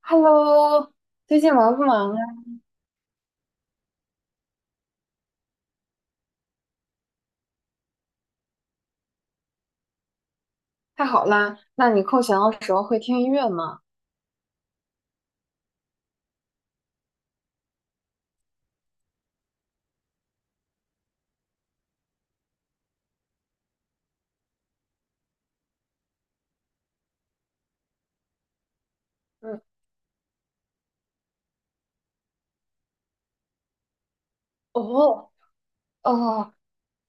Hello，最近忙不忙啊？太好啦，那你空闲的时候会听音乐吗？嗯，哦哦，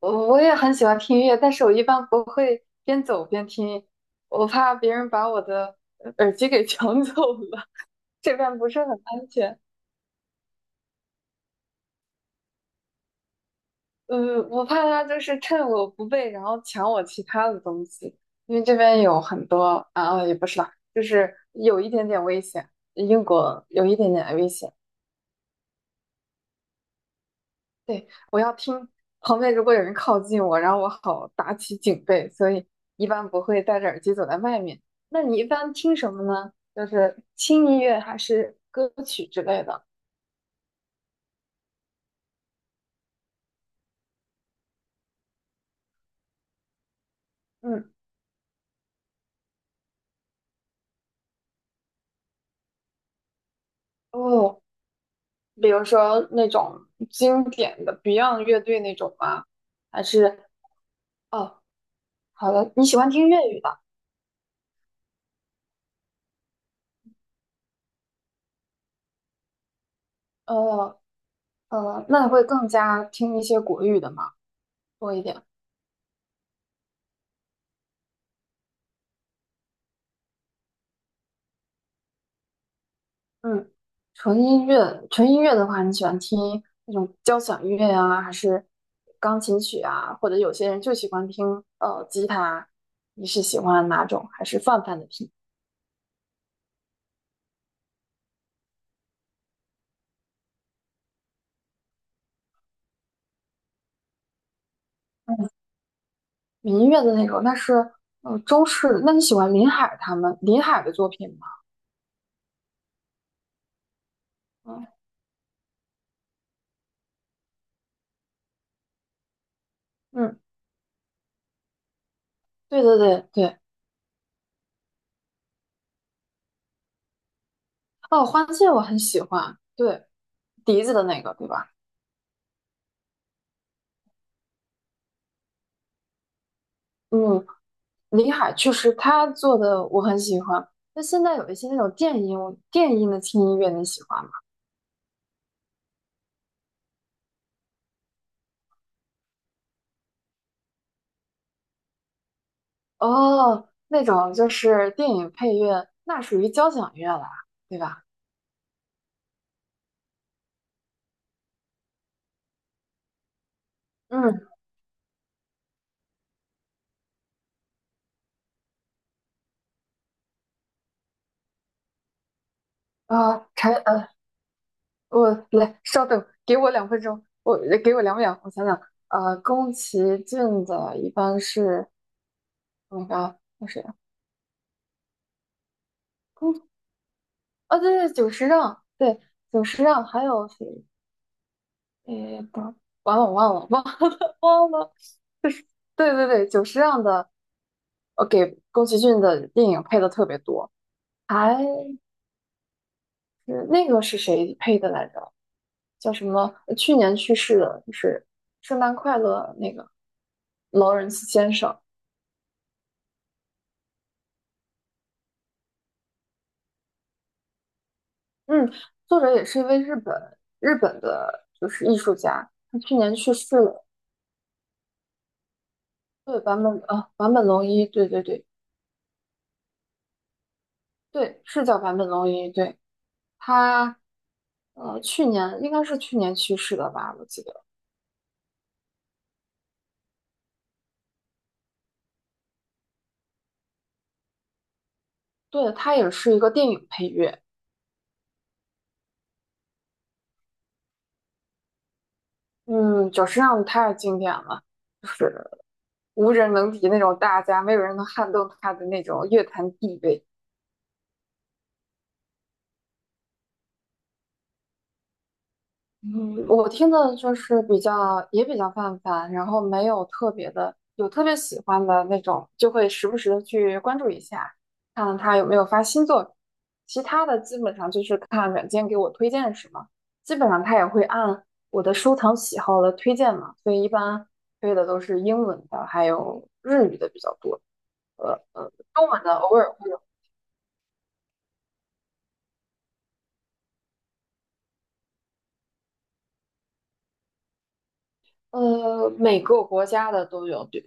我也很喜欢听音乐，但是我一般不会边走边听，我怕别人把我的耳机给 抢走了，这边不是很安全。嗯，我怕他就是趁我不备，然后抢我其他的东西，因为这边有很多啊，也不是吧，就是有一点点危险，英国有一点点危险。对，我要听旁边如果有人靠近我，然后我好打起警备，所以一般不会戴着耳机走在外面。那你一般听什么呢？就是轻音乐还是歌曲之类的？嗯，哦，比如说那种经典的 Beyond 乐队那种吗？还是哦，好的，你喜欢听粤语的？呃，那你会更加听一些国语的吗？多一点。嗯，纯音乐，纯音乐的话，你喜欢听那种交响乐呀、还是钢琴曲啊？或者有些人就喜欢听吉他，你是喜欢哪种？还是泛泛的听民乐的那种？那是中式。那你喜欢林海林海的作品吗？嗯嗯，对对对对。哦，《花谢》我很喜欢，对，笛子的那个，对吧？嗯，林海确实他做的我很喜欢。那现在有一些那种电音，电音的轻音乐你喜欢吗？哦，那种就是电影配乐，那属于交响乐了，对吧？嗯，啊、我来稍等，给我2分钟，我给我2秒，我想想，宫崎骏的一般是那个那谁啊宫啊，对对，久石让，对，久石让，还有谁？诶，不，完了，我忘了，忘了，忘了，就是对对对，久石让的，给宫崎骏的电影配的特别多，还。是那个是谁配的来着？叫什么？去年去世的，就是《圣诞快乐》那个劳伦斯先生。嗯，作者也是一位日本的，就是艺术家。他去年去世了。对，坂本啊，坂本龙一，对对对对，是叫坂本龙一。对，他去年应该是去年去世的吧，我记得。对，他也是一个电影配乐。嗯，久石让太经典了。就是。无人能敌那种大家，没有人能撼动他的那种乐坛地位。嗯我听的就是比较也比较泛泛，然后没有特别的，有特别喜欢的那种，就会时不时的去关注一下，看看他有没有发新作品。其他的基本上就是看软件给我推荐什么，基本上他也会按我的收藏喜好来推荐嘛，所以一般推的都是英文的，还有日语的比较多，中文的偶尔会。有。每个国家的都有，对，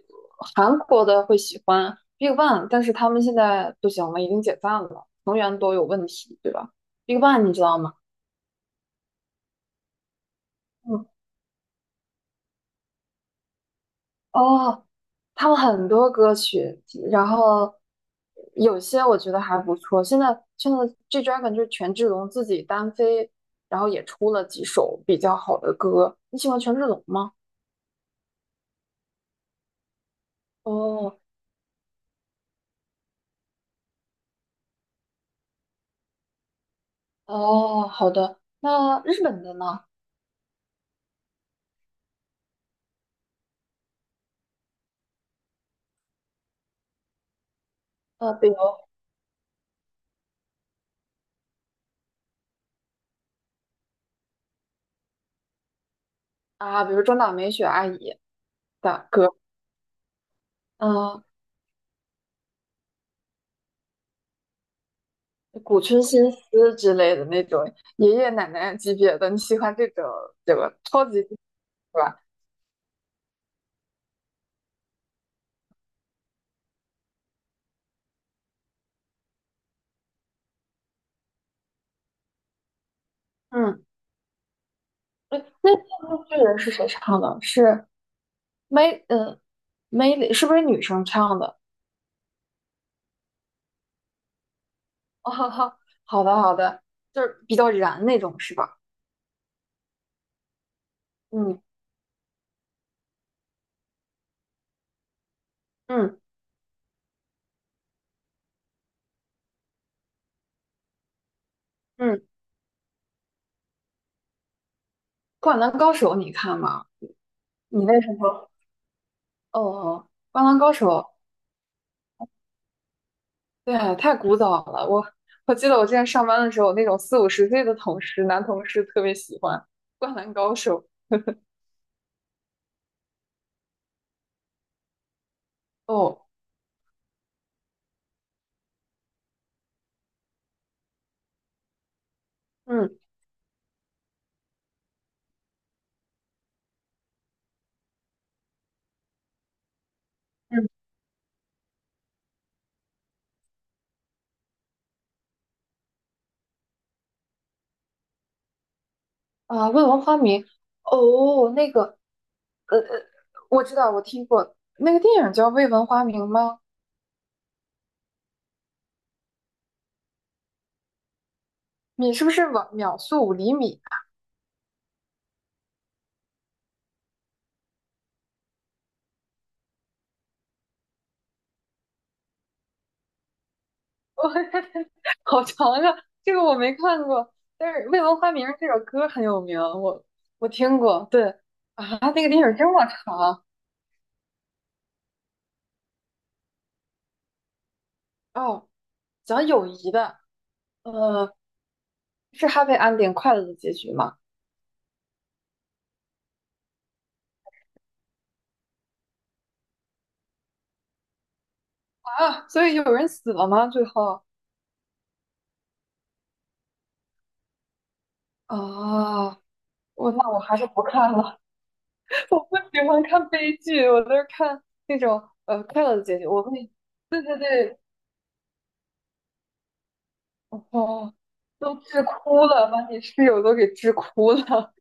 韩国的会喜欢 Big Bang，但是他们现在不行了，已经解散了，成员都有问题，对吧？Big Bang 你知道吗？嗯，哦，他们很多歌曲，然后有些我觉得还不错。现在 G Dragon 就是权志龙自己单飞，然后也出了几首比较好的歌。你喜欢权志龙吗？哦哦，好的。那日本的呢？呃，比如啊，比如中岛美雪阿姨。打歌，嗯、古春新司之类的那种爷爷奶奶级别的，你喜欢这种这个超级是吧？嗯，哎那那部巨人是谁唱的？是梅，嗯，梅里是不是女生唱的？哦，好的好的，就是比较燃那种是吧？嗯嗯嗯，《灌篮高手》你看吗？你为什么？哦，《灌篮高手》对啊，太古早了。我记得我之前上班的时候，那种四五十岁的同事，男同事特别喜欢《灌篮高手》哦，嗯嗯啊，未闻花名》哦，那个我知道，我听过那个电影叫《未闻花名》吗？你是不是秒秒速5厘米？好长啊，这个我没看过，但是《未闻花名》这首歌很有名，我听过。对啊，那个电影这么长哦，讲友谊的。呃，是 happy ending 快乐的结局吗？啊，所以有人死了吗？最后啊，我那我还是不看了，我不喜欢看悲剧，我都是看那种快乐的结局。我被对对对，哦，都治哭了，把你室友都给治哭了。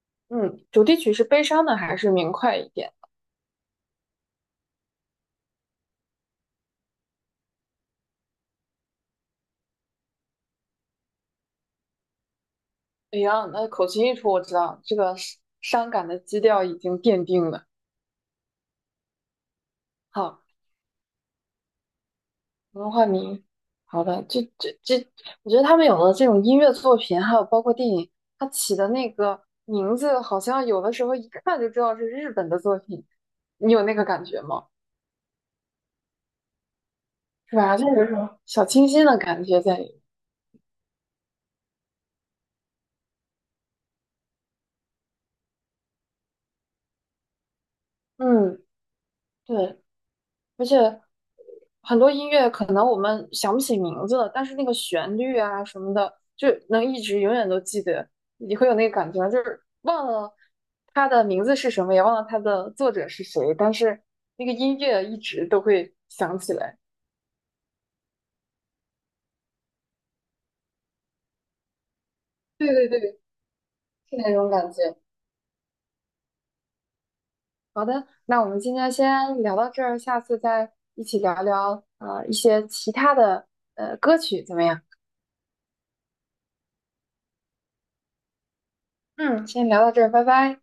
嗯，主题曲是悲伤的还是明快一点？哎呀，那口琴一出，我知道这个伤感的基调已经奠定了。好。文化名，好的，这，我觉得他们有的这种音乐作品，还有包括电影，它起的那个名字，好像有的时候一看就知道是日本的作品，你有那个感觉吗？是吧？就有一种小清新的感觉在里面嗯，对，而且很多音乐可能我们想不起名字了，但是那个旋律啊什么的，就能一直永远都记得。你会有那个感觉吗，就是忘了它的名字是什么，也忘了它的作者是谁，但是那个音乐一直都会想起来。对对对，是那种感觉。好的，那我们今天先聊到这儿，下次再一起聊聊一些其他的歌曲怎么样？嗯，先聊到这儿，拜拜。